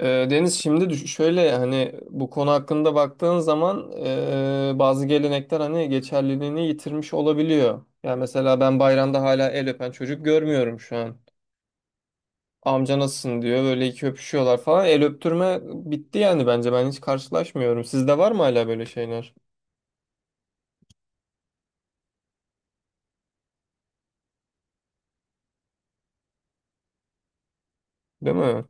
Deniz, şimdi şöyle hani bu konu hakkında baktığın zaman bazı gelenekler hani geçerliliğini yitirmiş olabiliyor. Yani mesela ben bayramda hala el öpen çocuk görmüyorum şu an. Amca nasılsın diyor böyle iki öpüşüyorlar falan. El öptürme bitti yani bence ben hiç karşılaşmıyorum. Sizde var mı hala böyle şeyler? Değil mi?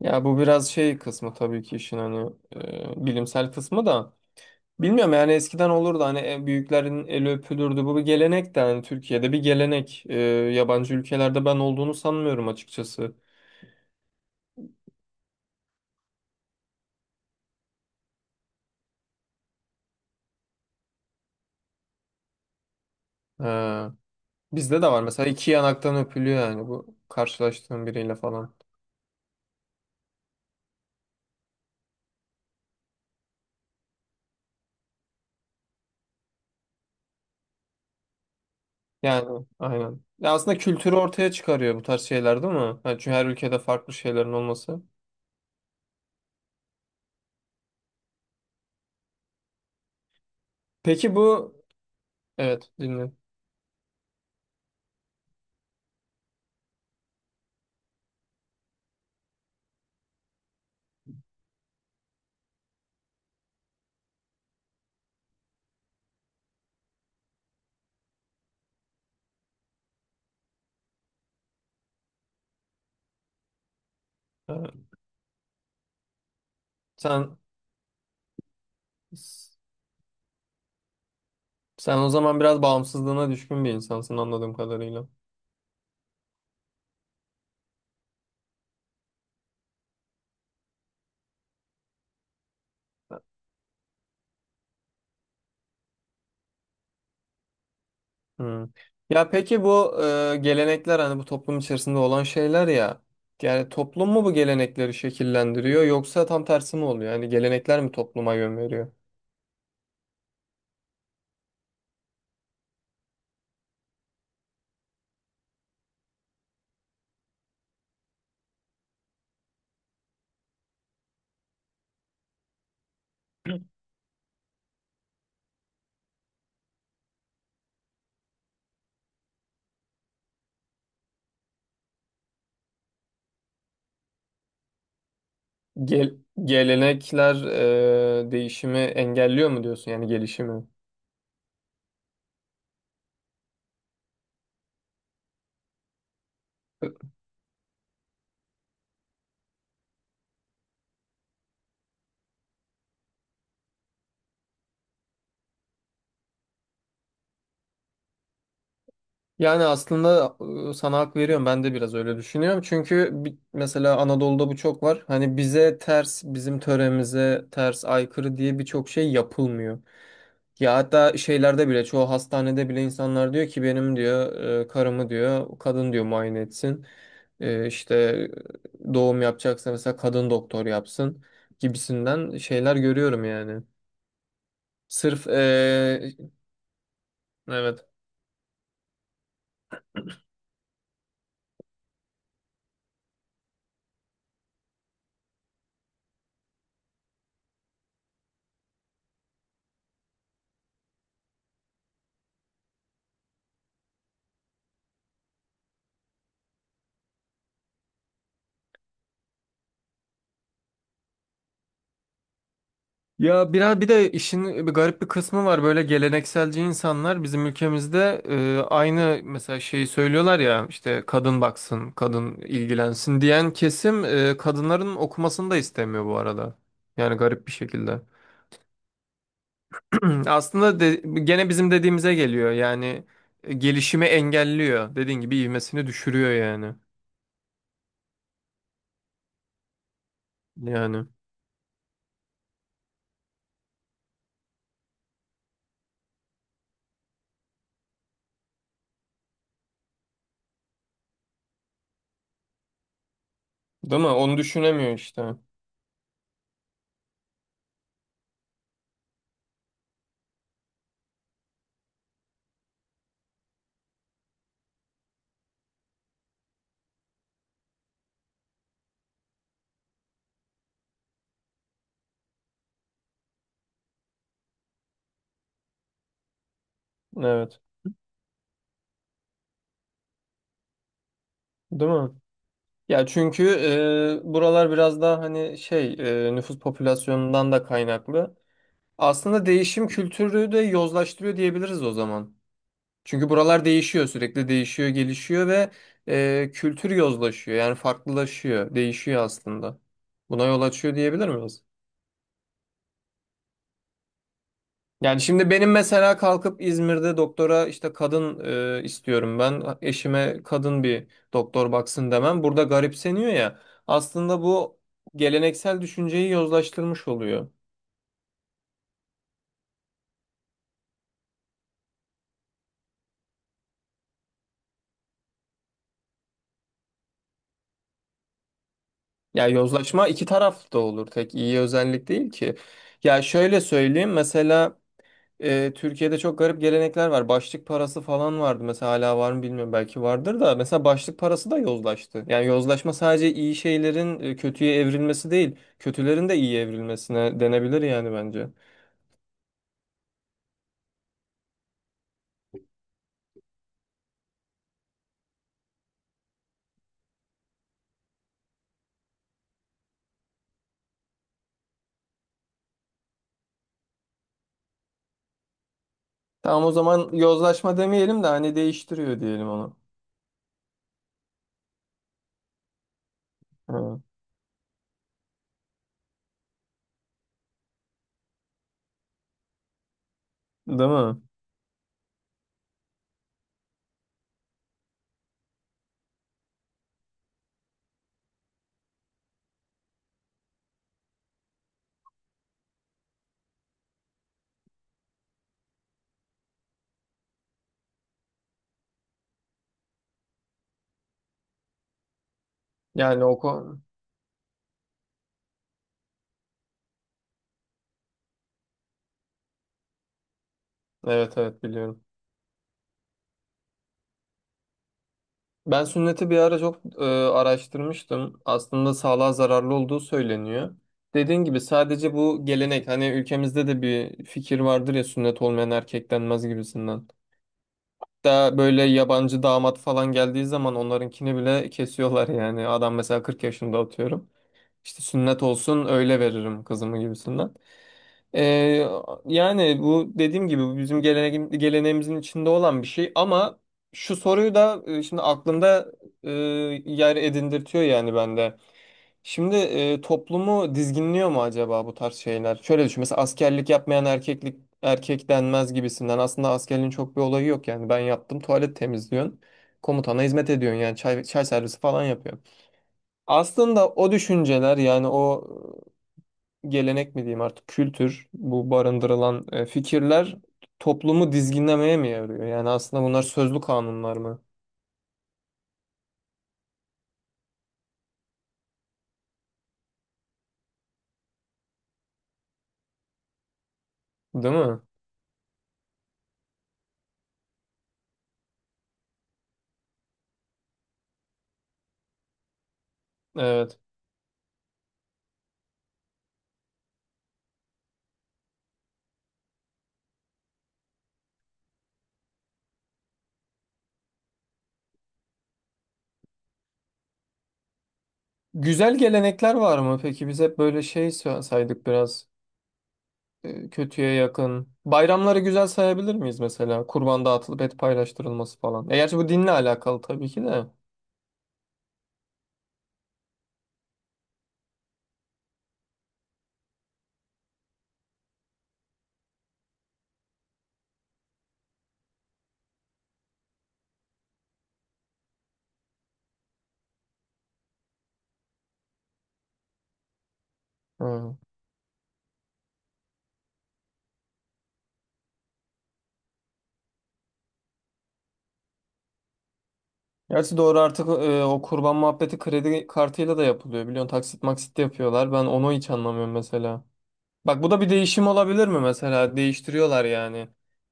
Ya bu biraz şey kısmı tabii ki işin hani bilimsel kısmı da. Bilmiyorum yani eskiden olurdu hani en büyüklerin eli öpülürdü. Bu bir gelenek de hani Türkiye'de bir gelenek. Yabancı ülkelerde ben olduğunu sanmıyorum açıkçası. Ee, bizde de var mesela iki yanaktan öpülüyor yani bu karşılaştığım biriyle falan. Yani aynen. Ya aslında kültürü ortaya çıkarıyor bu tarz şeyler değil mi? Ha, çünkü her ülkede farklı şeylerin olması. Peki bu evet dinle. Ee, sen sen o zaman biraz bağımsızlığına düşkün bir insansın anladığım kadarıyla. Hmm. Ya peki bu gelenekler hani bu toplum içerisinde olan şeyler ya. Yani toplum mu bu gelenekleri şekillendiriyor yoksa tam tersi mi oluyor? Yani gelenekler mi topluma yön veriyor? Gel- gelenekler değişimi engelliyor mu diyorsun yani gelişimi? Yani aslında sana hak veriyorum. Ben de biraz öyle düşünüyorum. Çünkü mesela Anadolu'da bu çok var. Hani bize ters, bizim töremize ters, aykırı diye birçok şey yapılmıyor. Ya hatta şeylerde bile, çoğu hastanede bile insanlar diyor ki benim diyor karımı diyor, kadın diyor muayene etsin. İşte doğum yapacaksa mesela kadın doktor yapsın gibisinden şeyler görüyorum yani. Sırf evet. Ya biraz bir de işin bir garip bir kısmı var böyle gelenekselci insanlar bizim ülkemizde aynı mesela şeyi söylüyorlar ya işte kadın baksın, kadın ilgilensin diyen kesim kadınların okumasını da istemiyor bu arada. Yani garip bir şekilde. Aslında gene bizim dediğimize geliyor yani gelişimi engelliyor. Dediğin gibi ivmesini düşürüyor yani. Yani değil mi? Onu düşünemiyor işte. Evet. Değil mi? Ya çünkü buralar biraz daha hani şey nüfus popülasyonundan da kaynaklı. Aslında değişim kültürü de yozlaştırıyor diyebiliriz o zaman. Çünkü buralar değişiyor sürekli değişiyor gelişiyor ve kültür yozlaşıyor yani farklılaşıyor değişiyor aslında. Buna yol açıyor diyebilir miyiz? Yani şimdi benim mesela kalkıp İzmir'de doktora işte kadın istiyorum ben. Eşime kadın bir doktor baksın demem. Burada garipseniyor ya. Aslında bu geleneksel düşünceyi yozlaştırmış oluyor. Ya yozlaşma iki taraflı da olur. Tek iyi özellik değil ki. Ya şöyle söyleyeyim. Mesela Türkiye'de çok garip gelenekler var. Başlık parası falan vardı. Mesela hala var mı bilmiyorum. Belki vardır da. Mesela başlık parası da yozlaştı. Yani yozlaşma sadece iyi şeylerin kötüye evrilmesi değil. Kötülerin de iyi evrilmesine denebilir yani bence. Tamam o zaman yozlaşma demeyelim de hani değiştiriyor diyelim onu. Hı. Değil mi? Yani o konu... Evet, evet, biliyorum. Ben sünneti bir ara çok araştırmıştım. Aslında sağlığa zararlı olduğu söyleniyor. Dediğin gibi sadece bu gelenek hani ülkemizde de bir fikir vardır ya sünnet olmayan erkek denmez gibisinden. Daha böyle yabancı damat falan geldiği zaman onlarınkini bile kesiyorlar yani. Adam mesela 40 yaşında atıyorum. İşte sünnet olsun öyle veririm kızımı gibisinden. Ee, yani bu dediğim gibi bu bizim geleneğimizin içinde olan bir şey ama şu soruyu da şimdi aklımda e, yer edindirtiyor yani bende. Şimdi toplumu dizginliyor mu acaba bu tarz şeyler? Şöyle düşün mesela askerlik yapmayan erkeklik erkek denmez gibisinden aslında askerliğin çok bir olayı yok yani ben yaptım tuvalet temizliyorsun komutana hizmet ediyorsun yani çay servisi falan yapıyorsun. Aslında o düşünceler yani o gelenek mi diyeyim artık kültür bu barındırılan fikirler toplumu dizginlemeye mi yarıyor? Yani aslında bunlar sözlü kanunlar mı? Değil mi? Evet. Güzel gelenekler var mı? Peki biz hep böyle şey saydık biraz kötüye yakın. Bayramları güzel sayabilir miyiz mesela? Kurban dağıtılıp et paylaştırılması falan. E, gerçi bu dinle alakalı tabii ki de. Hı. Gerçi doğru artık o kurban muhabbeti kredi kartıyla da yapılıyor. Biliyorsun taksit maksit de yapıyorlar. Ben onu hiç anlamıyorum mesela. Bak bu da bir değişim olabilir mi mesela? Değiştiriyorlar yani.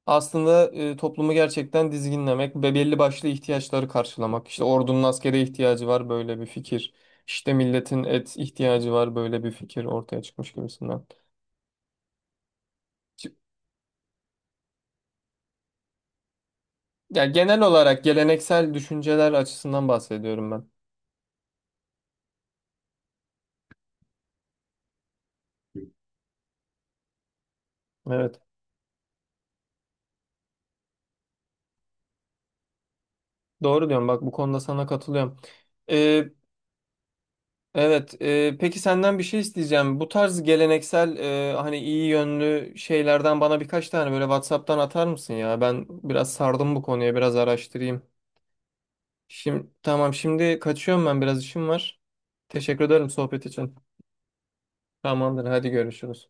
Aslında toplumu gerçekten dizginlemek ve belli başlı ihtiyaçları karşılamak. İşte ordunun askere ihtiyacı var böyle bir fikir. İşte milletin et ihtiyacı var böyle bir fikir ortaya çıkmış gibisinden. Ç- Ya genel olarak geleneksel düşünceler açısından bahsediyorum ben. Evet. Doğru diyorsun. Bak bu konuda sana katılıyorum. E, Evet, peki senden bir şey isteyeceğim. Bu tarz geleneksel hani iyi yönlü şeylerden bana birkaç tane böyle WhatsApp'tan atar mısın ya? Ben biraz sardım bu konuya, biraz araştırayım. Şimdi tamam, şimdi kaçıyorum ben biraz işim var. Teşekkür ederim sohbet için. Tamamdır, hadi görüşürüz.